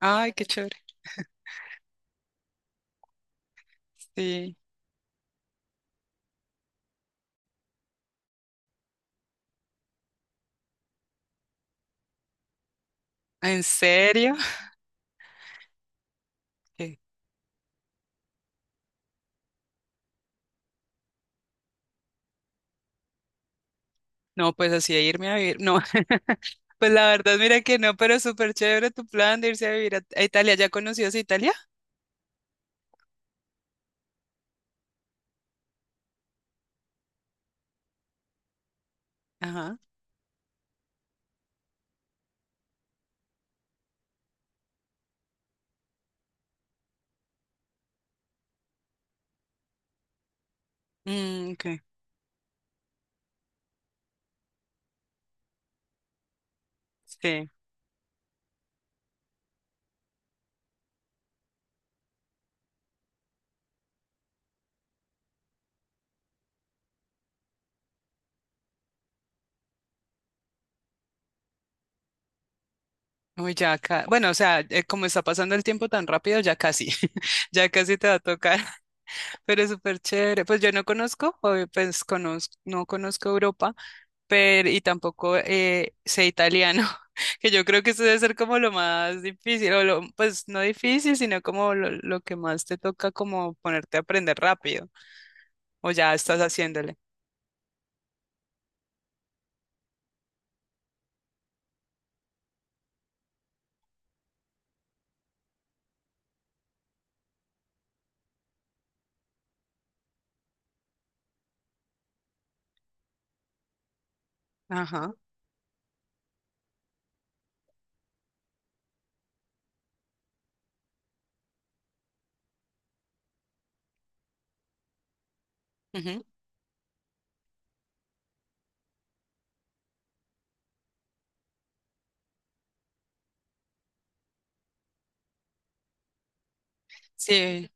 Ay, qué chévere. Sí. ¿En serio? ¿Qué? No, pues así de irme a vivir. No, pues la verdad, mira que no, pero súper chévere tu plan de irse a vivir a Italia. ¿Ya conocías Italia? Ajá. Mm, ok. Sí. Uy, ya acá. Bueno, o sea, como está pasando el tiempo tan rápido, ya casi. Ya casi te va a tocar. Pero es súper chévere. Pues yo no conozco, obvio, pues conozco, no conozco Europa, pero y tampoco sé italiano, que yo creo que eso debe ser como lo más difícil, o lo, pues no difícil, sino como lo que más te toca como ponerte a aprender rápido, o ya estás haciéndole. Ajá. Ujú. Sí.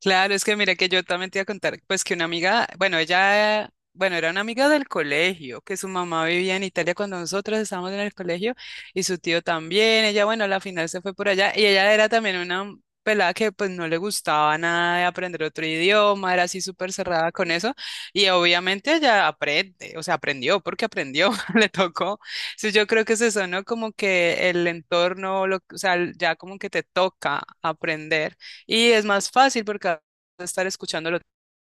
Claro, es que mira que yo también te iba a contar, pues que una amiga, bueno, ella, bueno, era una amiga del colegio, que su mamá vivía en Italia cuando nosotros estábamos en el colegio y su tío también, ella, bueno, a la final se fue por allá y ella era también una pelada que pues no le gustaba nada de aprender otro idioma, era así súper cerrada con eso y obviamente ella aprende, o sea, aprendió porque aprendió, le tocó. Sí, yo creo que es eso, ¿no? Como que el entorno, lo, o sea, ya como que te toca aprender. Y es más fácil porque vas a estar escuchándolo todo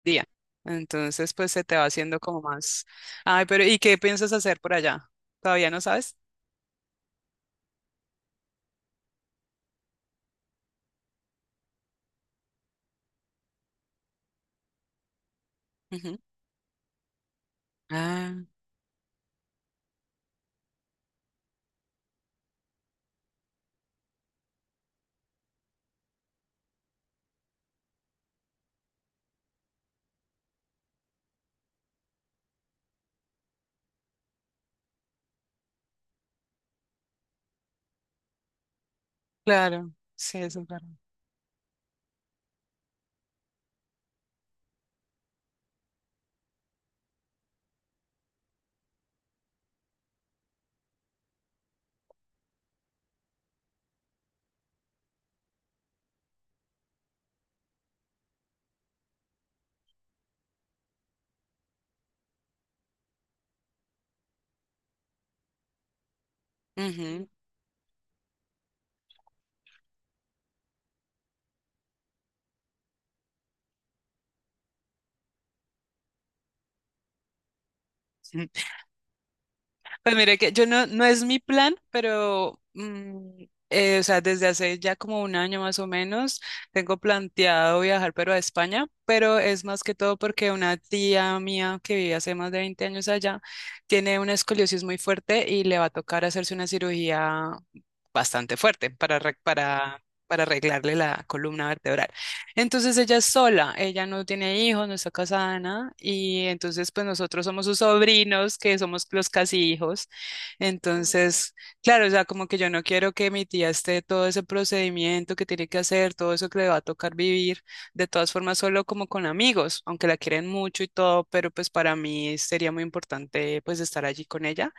el día. Entonces, pues se te va haciendo como más. Ay, pero ¿y qué piensas hacer por allá? ¿Todavía no sabes? Ujú. Ah, claro. Sí, eso es verdad. Ujú. Pues mire que yo no, no es mi plan, pero o sea, desde hace ya como un año más o menos, tengo planteado viajar pero a España, pero es más que todo porque una tía mía que vive hace más de 20 años allá tiene una escoliosis muy fuerte y le va a tocar hacerse una cirugía bastante fuerte para, arreg- para arreglarle la columna vertebral. Entonces ella es sola, ella no tiene hijos, no está casada, nada, y entonces pues nosotros somos sus sobrinos, que somos los casi hijos. Entonces, claro, o sea, como que yo no quiero que mi tía esté todo ese procedimiento que tiene que hacer, todo eso que le va a tocar vivir, de todas formas solo como con amigos, aunque la quieren mucho y todo, pero pues para mí sería muy importante pues estar allí con ella.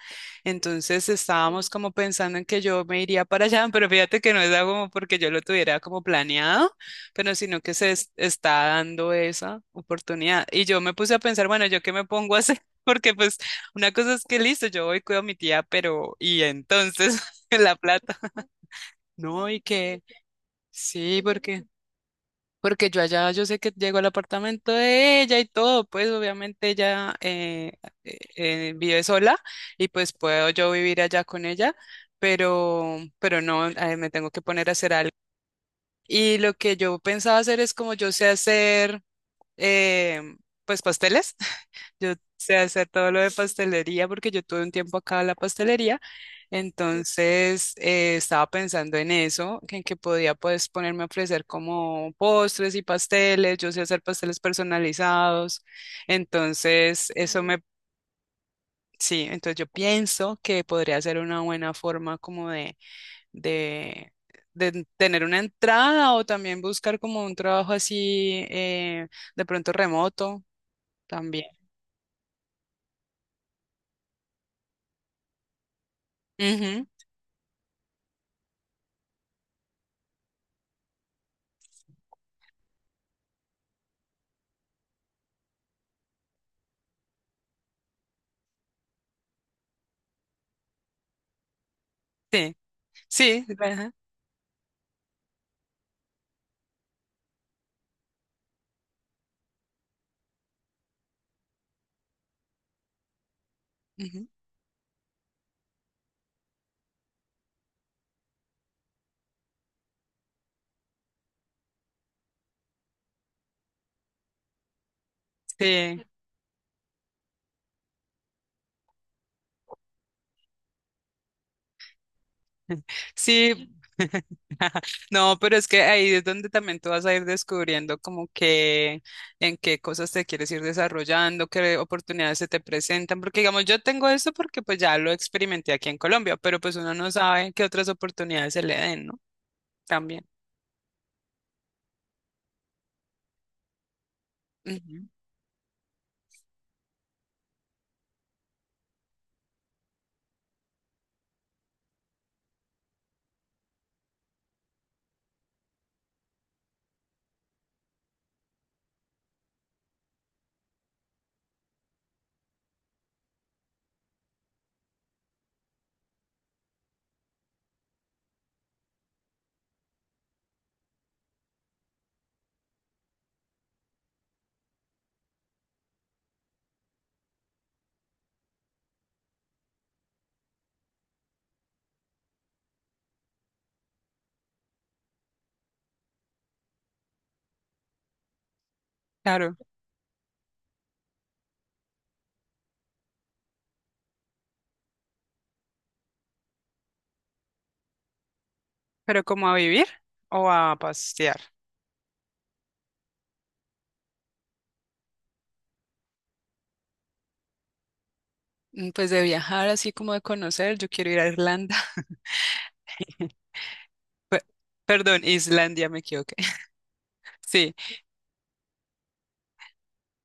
Entonces estábamos como pensando en que yo me iría para allá, pero fíjate que no es algo como porque yo lo tuviera como planeado pero sino que se es- está dando esa oportunidad. Y yo me puse a pensar, bueno, ¿yo qué me pongo a hacer? Porque pues una cosa es que listo, yo voy, cuido a mi tía, pero ¿y entonces la plata? No, ¿y qué? Sí, porque porque yo allá yo sé que llego al apartamento de ella y todo, pues obviamente ella vive sola y pues puedo yo vivir allá con ella, pero no, me tengo que poner a hacer algo. Y lo que yo pensaba hacer es como yo sé hacer eh, pues pasteles. Yo sé hacer todo lo de pastelería porque yo tuve un tiempo acá en la pastelería. Entonces estaba pensando en eso, que en que podía pues ponerme a ofrecer como postres y pasteles. Yo sé hacer pasteles personalizados. Entonces eso me, sí, entonces yo pienso que podría ser una buena forma como de, de tener una entrada o también buscar como un trabajo así de pronto remoto también. Ujú. Sí, sí, ajá, ujú. Sí, sí. No, pero es que ahí es donde también tú vas a ir descubriendo como que en qué cosas te quieres ir desarrollando, qué oportunidades se te presentan, porque digamos, yo tengo esto porque pues ya lo experimenté aquí en Colombia, pero pues uno no sabe qué otras oportunidades se le den, ¿no? También. Ujú. Claro, pero como a vivir o a pasear. Mm, pues de viajar, así como de conocer, yo quiero ir a Irlanda. Pe- Perdón, Islandia, me equivoqué. Sí,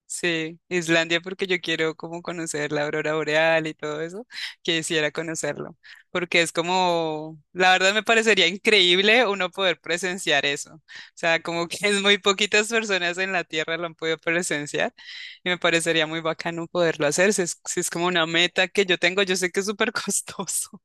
sí, Islandia porque yo quiero como conocer la aurora boreal y todo eso, quisiera conocerlo, porque es como, la verdad me parecería increíble uno poder presenciar eso. O sea, como que es muy poquitas personas en la Tierra lo han podido presenciar y me parecería muy bacano poderlo hacer, si es, si es como una meta que yo tengo, yo sé que es súper costoso.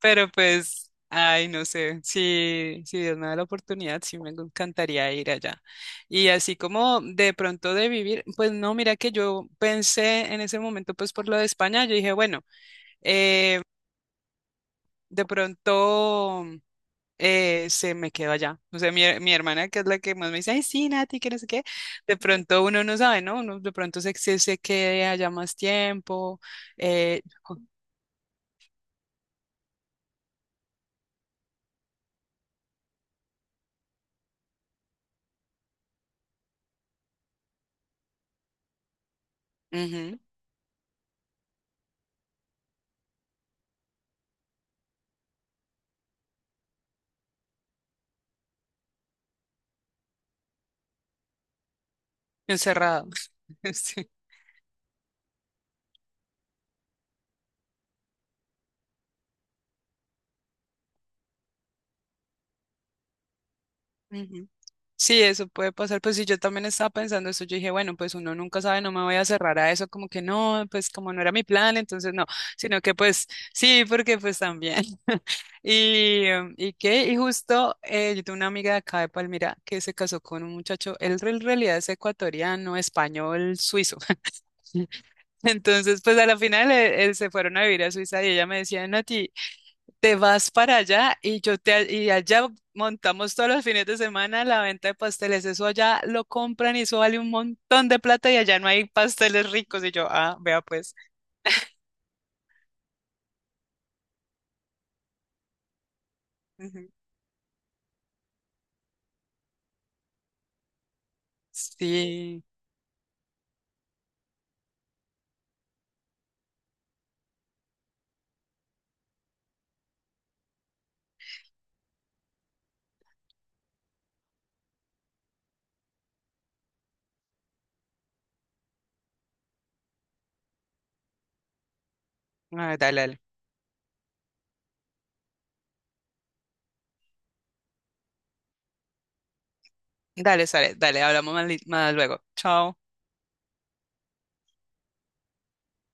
Pero pues, ay, no sé, si, si Dios me da la oportunidad, sí me encantaría ir allá. Y así como de pronto de vivir, pues no, mira que yo pensé en ese momento, pues por lo de España, yo dije, bueno, eh, de pronto se me quedó allá. O sea, mi hermana, que es la que más me dice, ay, sí, Nati, que no sé qué, de pronto uno no sabe, ¿no? Uno de pronto se quede allá más tiempo, eh, ujú, encerrado. Sí. Sí, eso puede pasar. Pues sí, yo también estaba pensando eso. Yo dije, bueno, pues uno nunca sabe, no me voy a cerrar a eso, como que no, pues como no era mi plan, entonces no, sino que pues sí, porque pues también. Y, ¿y qué? Y justo yo tengo una amiga de acá de Palmira que se casó con un muchacho, él en realidad es ecuatoriano, español, suizo. Entonces, pues a la final se fueron a vivir a Suiza y ella me decía, Nati. Te vas para allá y yo te y allá montamos todos los fines de semana la venta de pasteles. Eso allá lo compran y eso vale un montón de plata y allá no hay pasteles ricos. Y yo, ah, vea pues. Ujú. Sí. Ah, dale, dale. Dale, sale, dale, hablamos más, li- más luego. Chao.